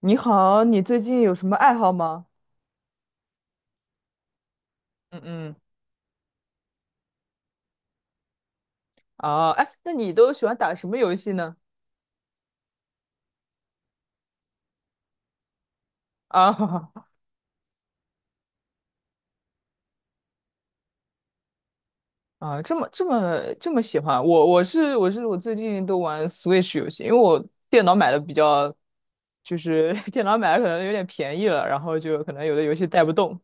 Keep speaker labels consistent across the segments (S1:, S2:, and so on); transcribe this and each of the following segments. S1: 你好，你最近有什么爱好吗？嗯嗯，哦，哎，那你都喜欢打什么游戏呢？啊 啊，这么喜欢我，我最近都玩 Switch 游戏，因为我电脑买的比较，就是 电脑买的可能有点便宜了，然后就可能有的游戏带不动。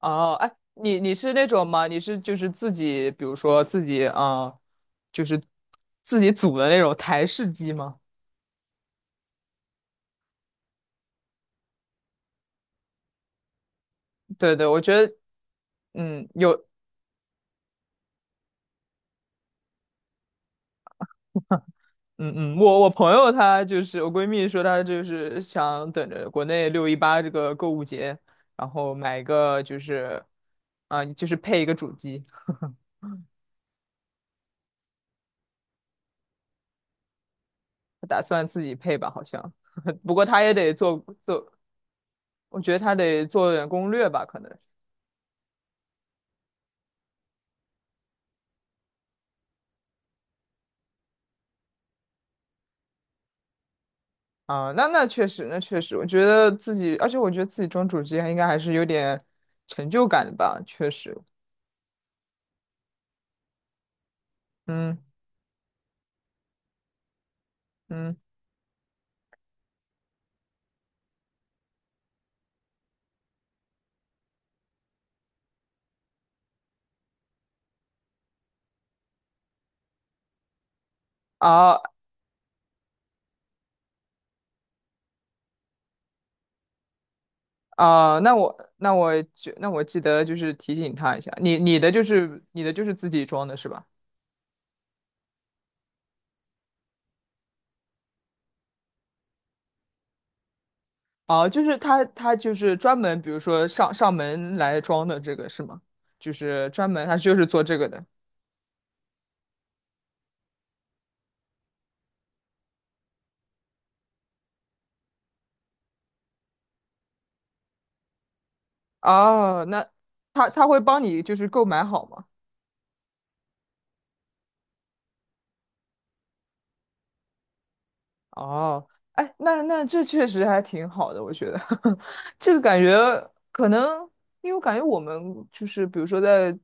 S1: 哦，哎，你是那种吗？你是就是自己，比如说自己啊，就是自己组的那种台式机吗？对对，我觉得，有嗯嗯，我朋友她就是我闺蜜说她就是想等着国内618这个购物节，然后买一个就是就是配一个主机，她打算自己配吧，好像。不过她也得做做，我觉得她得做点攻略吧，可能啊、那确实，那确实，我觉得自己，而且我觉得自己装主机还应该还是有点成就感的吧，确实。嗯嗯，啊啊、那我记得就是提醒他一下，你的就是自己装的是吧？哦，就是他就是专门，比如说上门来装的这个是吗？就是专门他就是做这个的。哦，那他会帮你就是购买好吗？哦，哎，那这确实还挺好的，我觉得 这个感觉可能，因为我感觉我们就是比如说在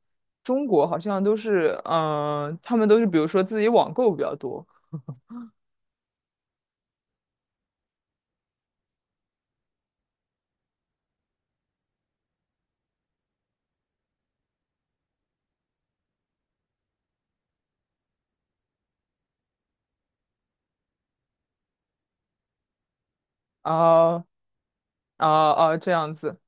S1: 中国好像都是，他们都是比如说自己网购比较多，啊啊啊！这样子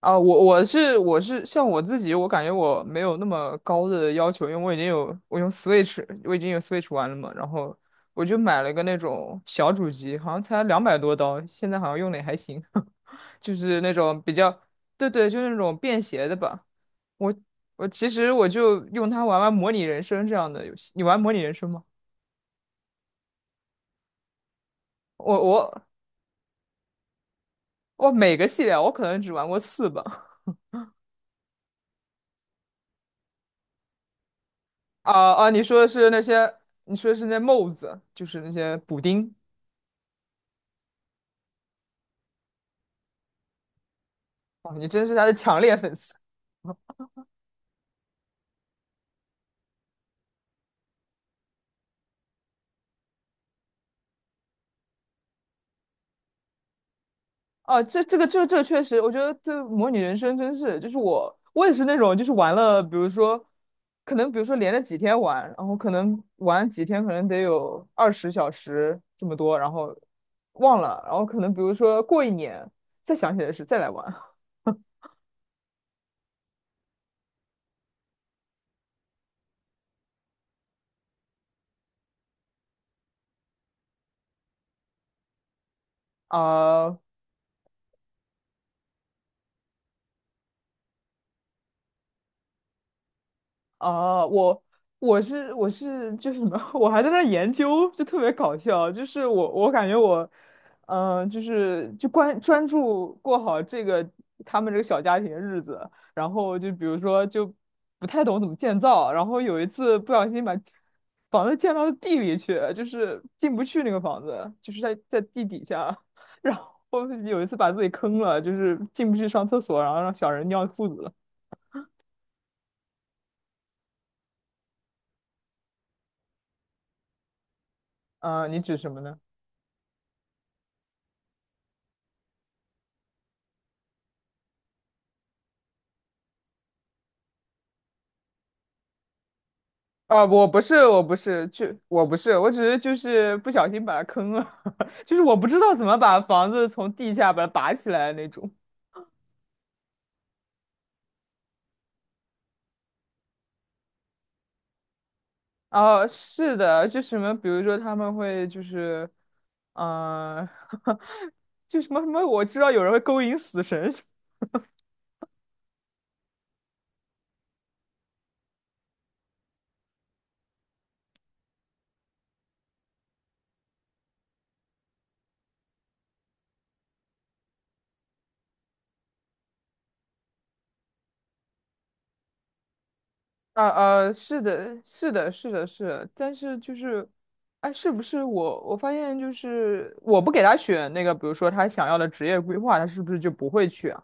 S1: 啊，我像我自己，我感觉我没有那么高的要求，因为我已经有我用 Switch，我已经有 Switch 玩了嘛，然后我就买了个那种小主机，好像才200多刀，现在好像用的也还行，就是那种比较，对对，就是那种便携的吧。我我其实我就用它玩玩模拟人生这样的游戏，你玩模拟人生吗？我我我每个系列啊我可能只玩过4吧。啊啊！你说的是那些，你说的是那帽子，就是那些补丁。哦，你真是他的强烈粉丝。啊！这个确实，我觉得这模拟人生真是，就是我也是那种，就是玩了，比如说，可能比如说连着几天玩，然后可能玩几天，可能得有20小时这么多，然后忘了，然后可能比如说过一年再想起来是再来玩。啊、哦，我就是什么，我还在那儿研究，就特别搞笑。就是我感觉我，就是就关专注过好这个他们这个小家庭的日子，然后就比如说就不太懂怎么建造，然后有一次不小心把房子建到地里去，就是进不去那个房子，就是在地底下，然后有一次把自己坑了，就是进不去上厕所，然后让小人尿裤子了。嗯、你指什么呢？啊，我不是，我不是，就我不是，我只是就是不小心把它坑了，就是我不知道怎么把房子从地下把它拔起来那种。哦，是的，就什么，比如说他们会就是，嗯、就什么什么，我知道有人会勾引死神。啊啊，是的，是的，是的，是的，但是就是，哎，是不是我发现就是我不给他选那个，比如说他想要的职业规划，他是不是就不会去啊？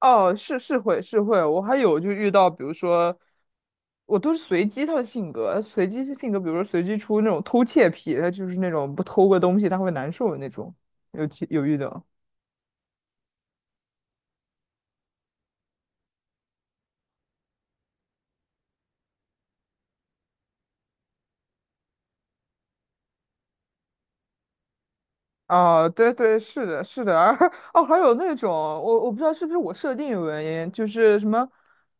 S1: 哦，是是会是会，我还有就遇到，比如说，我都是随机他的性格，随机性格，比如说随机出那种偷窃癖，他就是那种不偷个东西他会难受的那种，有其有遇到。哦，对对，是的，是的，而哦，还有那种我不知道是不是我设定有原因，就是什么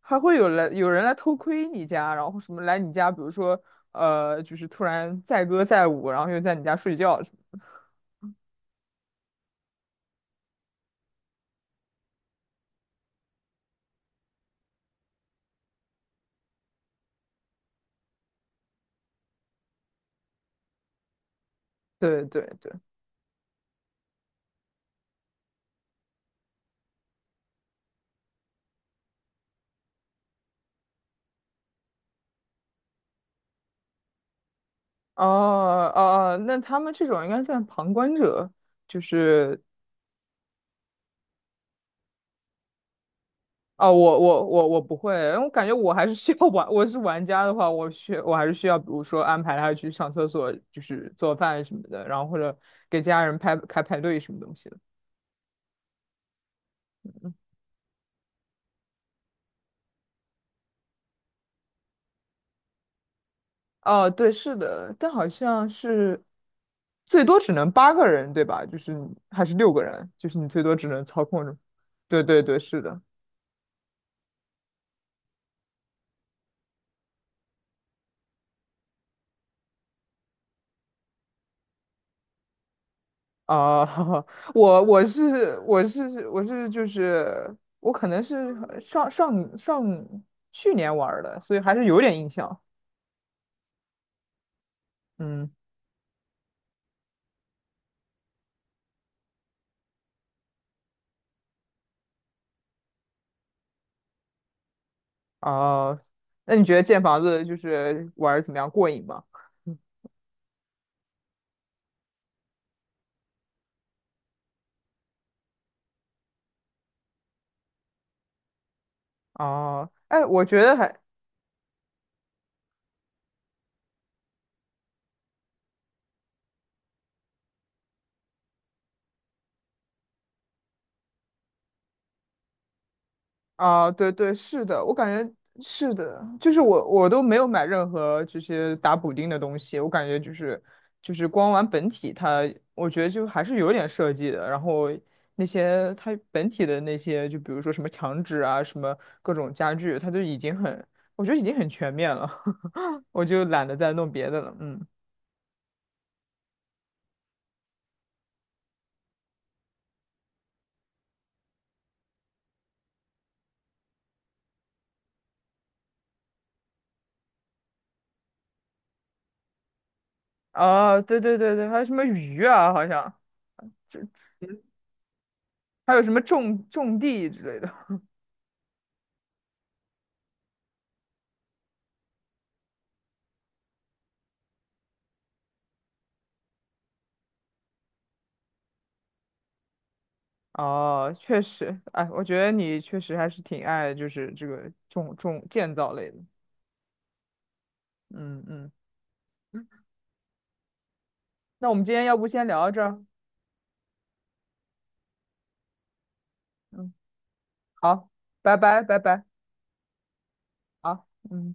S1: 还会有来有人来偷窥你家，然后什么来你家，比如说就是突然载歌载舞，然后又在你家睡觉什么，对对对。哦哦哦，那他们这种应该算旁观者，就是哦，我不会，因为我感觉我还是需要玩，我是玩家的话，我还是需要，比如说安排他去上厕所，就是做饭什么的，然后或者给家人排开派对什么东西的。嗯哦，对，是的，但好像是最多只能八个人，对吧？就是还是六个人，就是你最多只能操控着。对对对，是的。啊、我就是我可能是上上上去年玩儿的，所以还是有点印象。嗯，啊、那你觉得建房子就是玩儿怎么样过瘾吗？哦，哎，我觉得还啊，对对，是的，我感觉是的，就是我都没有买任何这些打补丁的东西，我感觉就是光玩本体它，我觉得就还是有点设计的。然后那些它本体的那些，就比如说什么墙纸啊，什么各种家具，它都已经很，我觉得已经很全面了，我就懒得再弄别的了。嗯，啊，对对对对，还有什么鱼啊，好像这还有什么种种地之类的。哦，确实，哎，我觉得你确实还是挺爱就是这个建造类的。嗯嗯嗯，那我们今天要不先聊到这儿？嗯，好，拜拜拜拜，好，嗯。